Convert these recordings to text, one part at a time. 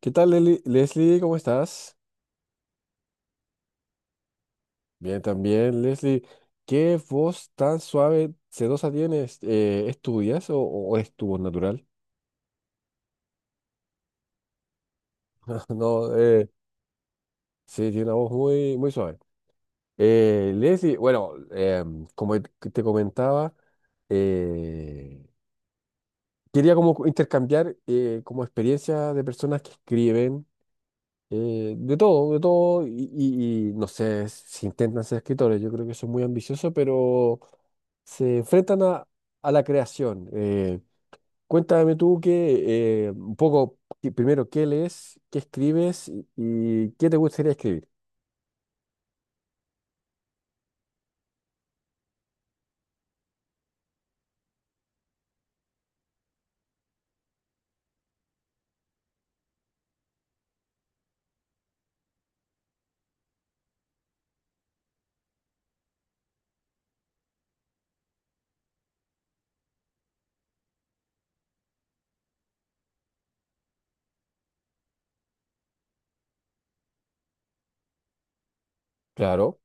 ¿Qué tal, Leslie? ¿Cómo estás? Bien, también, Leslie. ¿Qué voz tan suave, sedosa tienes? ¿estudias o es tu voz natural? No, sí, tiene una voz muy, muy suave. Leslie, bueno, como te comentaba, eh, quería como intercambiar como experiencia de personas que escriben. De todo, de todo, y no sé si intentan ser escritores, yo creo que son muy ambiciosos, pero se enfrentan a la creación. Cuéntame tú que, un poco, que primero, ¿qué lees, qué escribes y qué te gustaría escribir? Claro,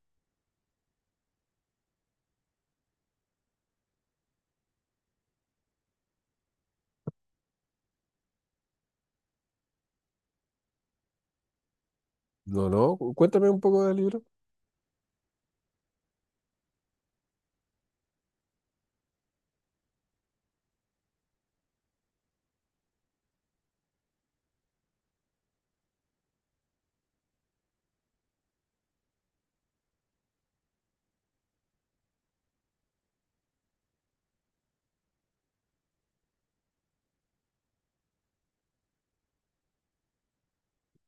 no, no, cuéntame un poco del libro.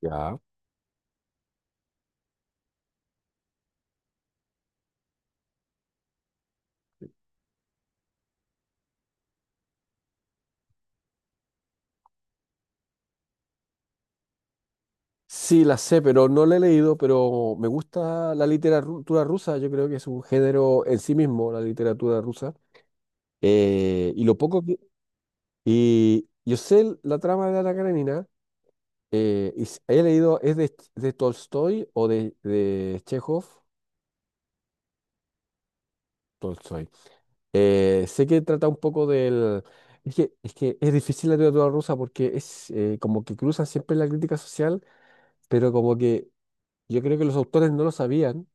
Ya. Sí, la sé, pero no la he leído, pero me gusta la literatura rusa, yo creo que es un género en sí mismo, la literatura rusa. Y lo poco que, y yo sé la trama de Ana Karenina, he leído, es de Tolstoy o de Chekhov. Tolstoy. Sé que trata un poco del. Es que es difícil la literatura rusa porque es como que cruzan siempre la crítica social, pero como que yo creo que los autores no lo sabían,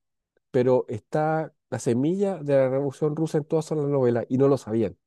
pero está la semilla de la Revolución Rusa en todas las novelas y no lo sabían.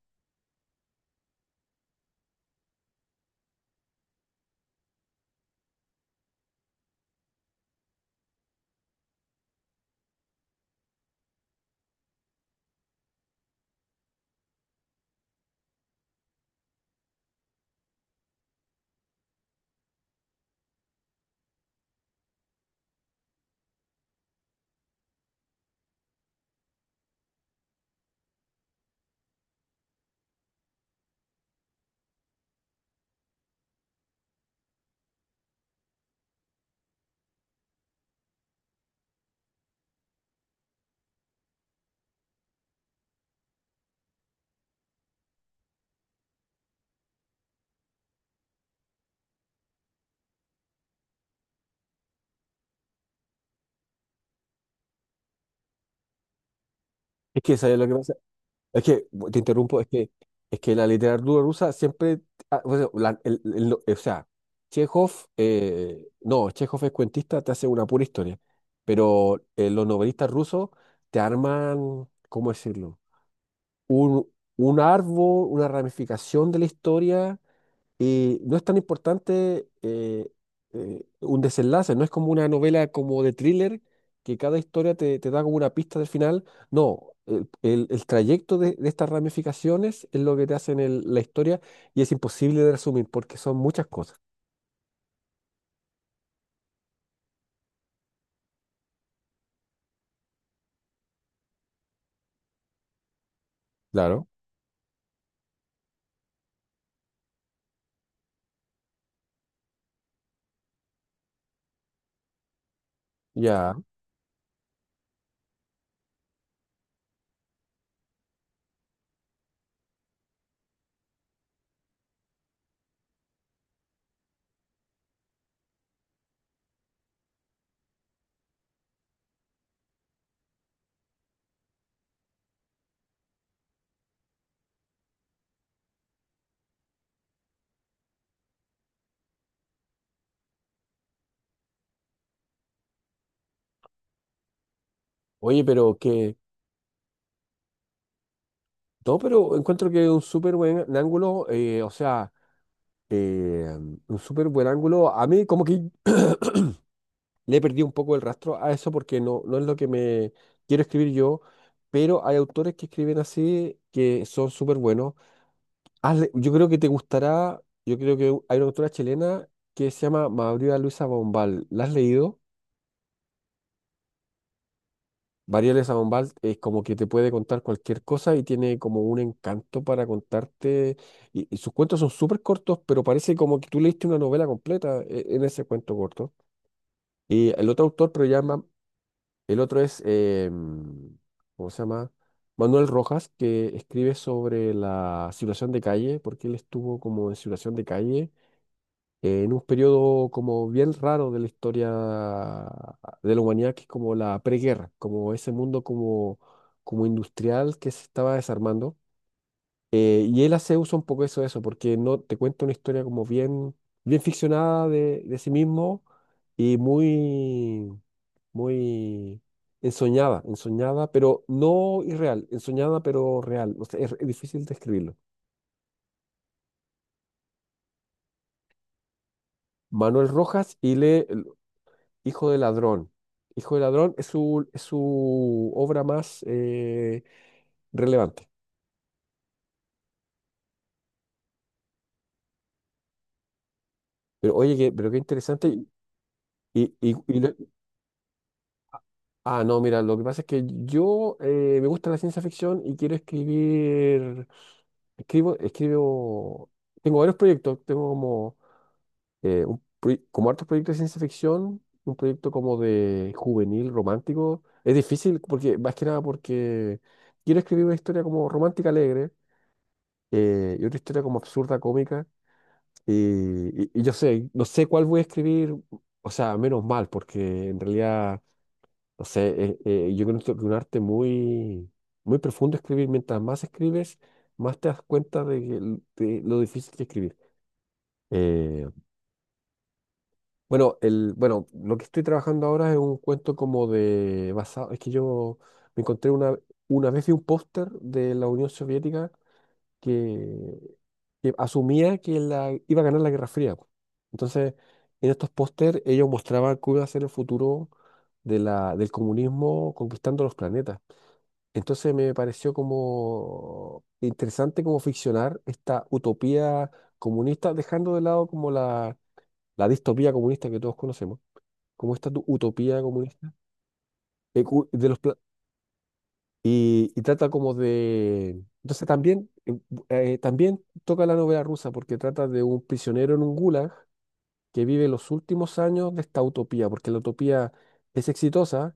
Es que, ¿sabes lo que pasa? Es que, te interrumpo, es que la literatura rusa siempre, ah, o sea, o sea, Chekhov, no, Chekhov es cuentista, te hace una pura historia, pero los novelistas rusos te arman, ¿cómo decirlo? Un, un árbol, una ramificación de la historia, y no es tan importante un desenlace, no es como una novela como de thriller, que cada historia te da como una pista del final. No, el trayecto de estas ramificaciones es lo que te hacen la historia, y es imposible de resumir porque son muchas cosas. Claro. Ya. Oye, pero que. No, pero encuentro que es un súper buen ángulo, o sea, eh, un súper buen ángulo. A mí como que le perdí un poco el rastro a eso porque no, no es lo que me quiero escribir yo, pero hay autores que escriben así que son súper buenos. Yo creo que te gustará, yo creo que hay una autora chilena que se llama María Luisa Bombal. ¿La has leído? María Luisa Bombal es como que te puede contar cualquier cosa y tiene como un encanto para contarte. Y sus cuentos son súper cortos, pero parece como que tú leíste una novela completa en ese cuento corto. Y el otro autor, pero ya es más. El otro es, ¿cómo se llama? Manuel Rojas, que escribe sobre la situación de calle, porque él estuvo como en situación de calle en un periodo como bien raro de la historia de la humanidad, que es como la preguerra, como ese mundo como como industrial que se estaba desarmando. Y él hace uso un poco de eso, porque no te cuenta una historia como bien, bien ficcionada de sí mismo, y muy muy ensoñada, ensoñada, pero no irreal, ensoñada pero real. O sea, es difícil describirlo. Manuel Rojas, y le el Hijo de Ladrón. Hijo de Ladrón es su obra más relevante. Pero oye, pero qué interesante. Y- y- y lo- ah, no, mira, lo que pasa es que yo me gusta la ciencia ficción y quiero escribir, escribo, escribo, tengo varios proyectos, tengo como un como hartos proyectos de ciencia ficción, un proyecto como de juvenil, romántico. Es difícil porque, más que nada porque quiero escribir una historia como romántica alegre, y otra historia como absurda, cómica. Y yo sé, no sé cuál voy a escribir, o sea, menos mal, porque en realidad, no sé, yo creo que es un arte muy, muy profundo escribir. Mientras más escribes, más te das cuenta de, de lo difícil que es escribir. Eh, Bueno, bueno, lo que estoy trabajando ahora es un cuento como de basado. Es que yo me encontré una vez vi un póster de la Unión Soviética, que, que asumía que iba a ganar la Guerra Fría. Entonces, en estos pósters ellos mostraban cómo iba a ser el futuro del comunismo conquistando los planetas. Entonces me pareció como interesante como ficcionar esta utopía comunista, dejando de lado como la distopía comunista que todos conocemos, como esta utopía comunista. eh, cu- de los, pla- y trata como de. Entonces también, también toca la novela rusa porque trata de un prisionero en un gulag que vive los últimos años de esta utopía, porque la utopía es exitosa,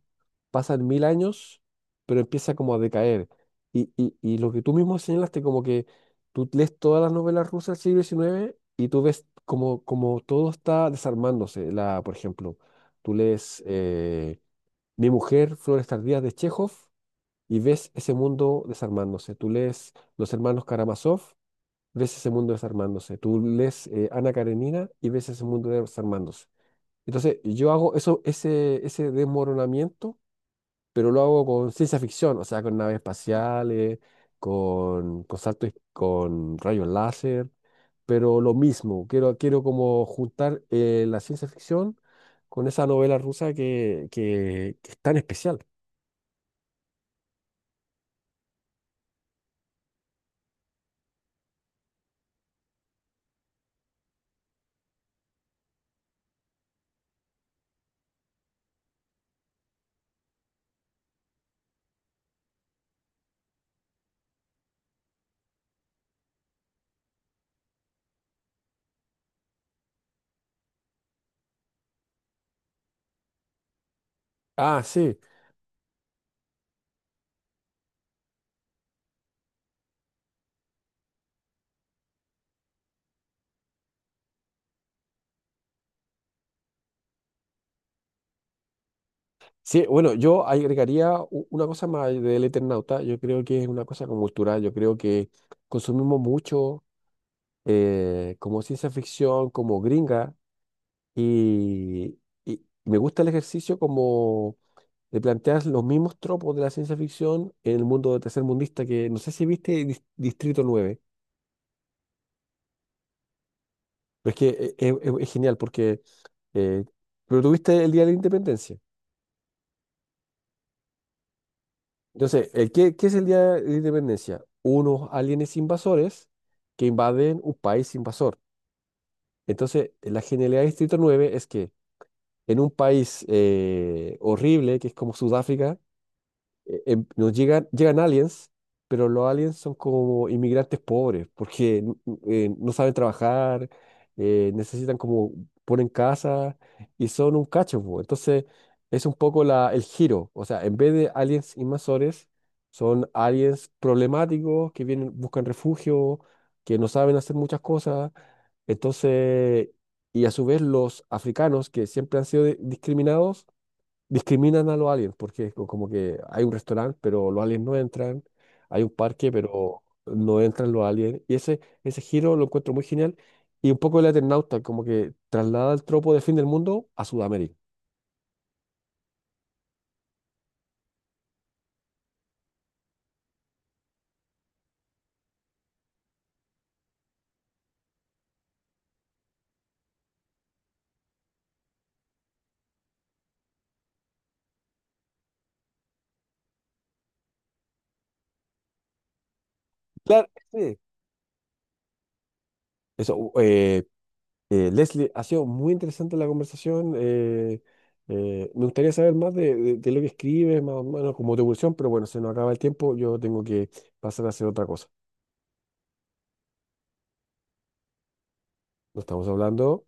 pasan 1.000 años, pero empieza como a decaer. Y lo que tú mismo señalaste, como que tú lees todas las novelas rusas del siglo XIX y tú ves como todo está desarmándose. Por ejemplo, tú lees. Mi mujer, Flores tardías de Chekhov, y ves ese mundo desarmándose. Tú lees Los hermanos Karamazov, ves ese mundo desarmándose. Tú lees Ana Karenina y ves ese mundo desarmándose. Entonces, yo hago eso, ese desmoronamiento, pero lo hago con ciencia ficción, o sea, con naves espaciales, con saltos, con rayos láser, pero lo mismo. Quiero como juntar la ciencia ficción con esa novela rusa que es tan especial. Ah, sí. Sí, bueno, yo agregaría una cosa más del Eternauta. Yo creo que es una cosa como cultural. Yo creo que consumimos mucho como ciencia ficción, como gringa, y, y me gusta el ejercicio como de plantear los mismos tropos de la ciencia ficción en el mundo tercermundista, que no sé si viste Distrito Nueve, pero es que es genial porque. eh, pero tuviste el Día de la Independencia. Entonces, ¿qué es el Día de la Independencia? Unos aliens invasores que invaden un país invasor. Entonces, la genialidad de Distrito Nueve es que en un país horrible, que es como Sudáfrica, nos llegan aliens, pero los aliens son como inmigrantes pobres, porque no saben trabajar, necesitan como ponen casa y son un cacho, po. Entonces es un poco el giro, o sea, en vez de aliens invasores, son aliens problemáticos que vienen, buscan refugio, que no saben hacer muchas cosas, entonces. Y a su vez los africanos, que siempre han sido discriminados, discriminan a los aliens, porque es como que hay un restaurante, pero los aliens no entran, hay un parque, pero no entran los aliens, y ese giro lo encuentro muy genial, y un poco el Eternauta, como que traslada el tropo de fin del mundo a Sudamérica. Claro, sí. Eso, Leslie, ha sido muy interesante la conversación, me gustaría saber más de lo que escribes, más o menos como tu evolución, pero bueno, se nos acaba el tiempo, yo tengo que pasar a hacer otra cosa. Nos estamos hablando.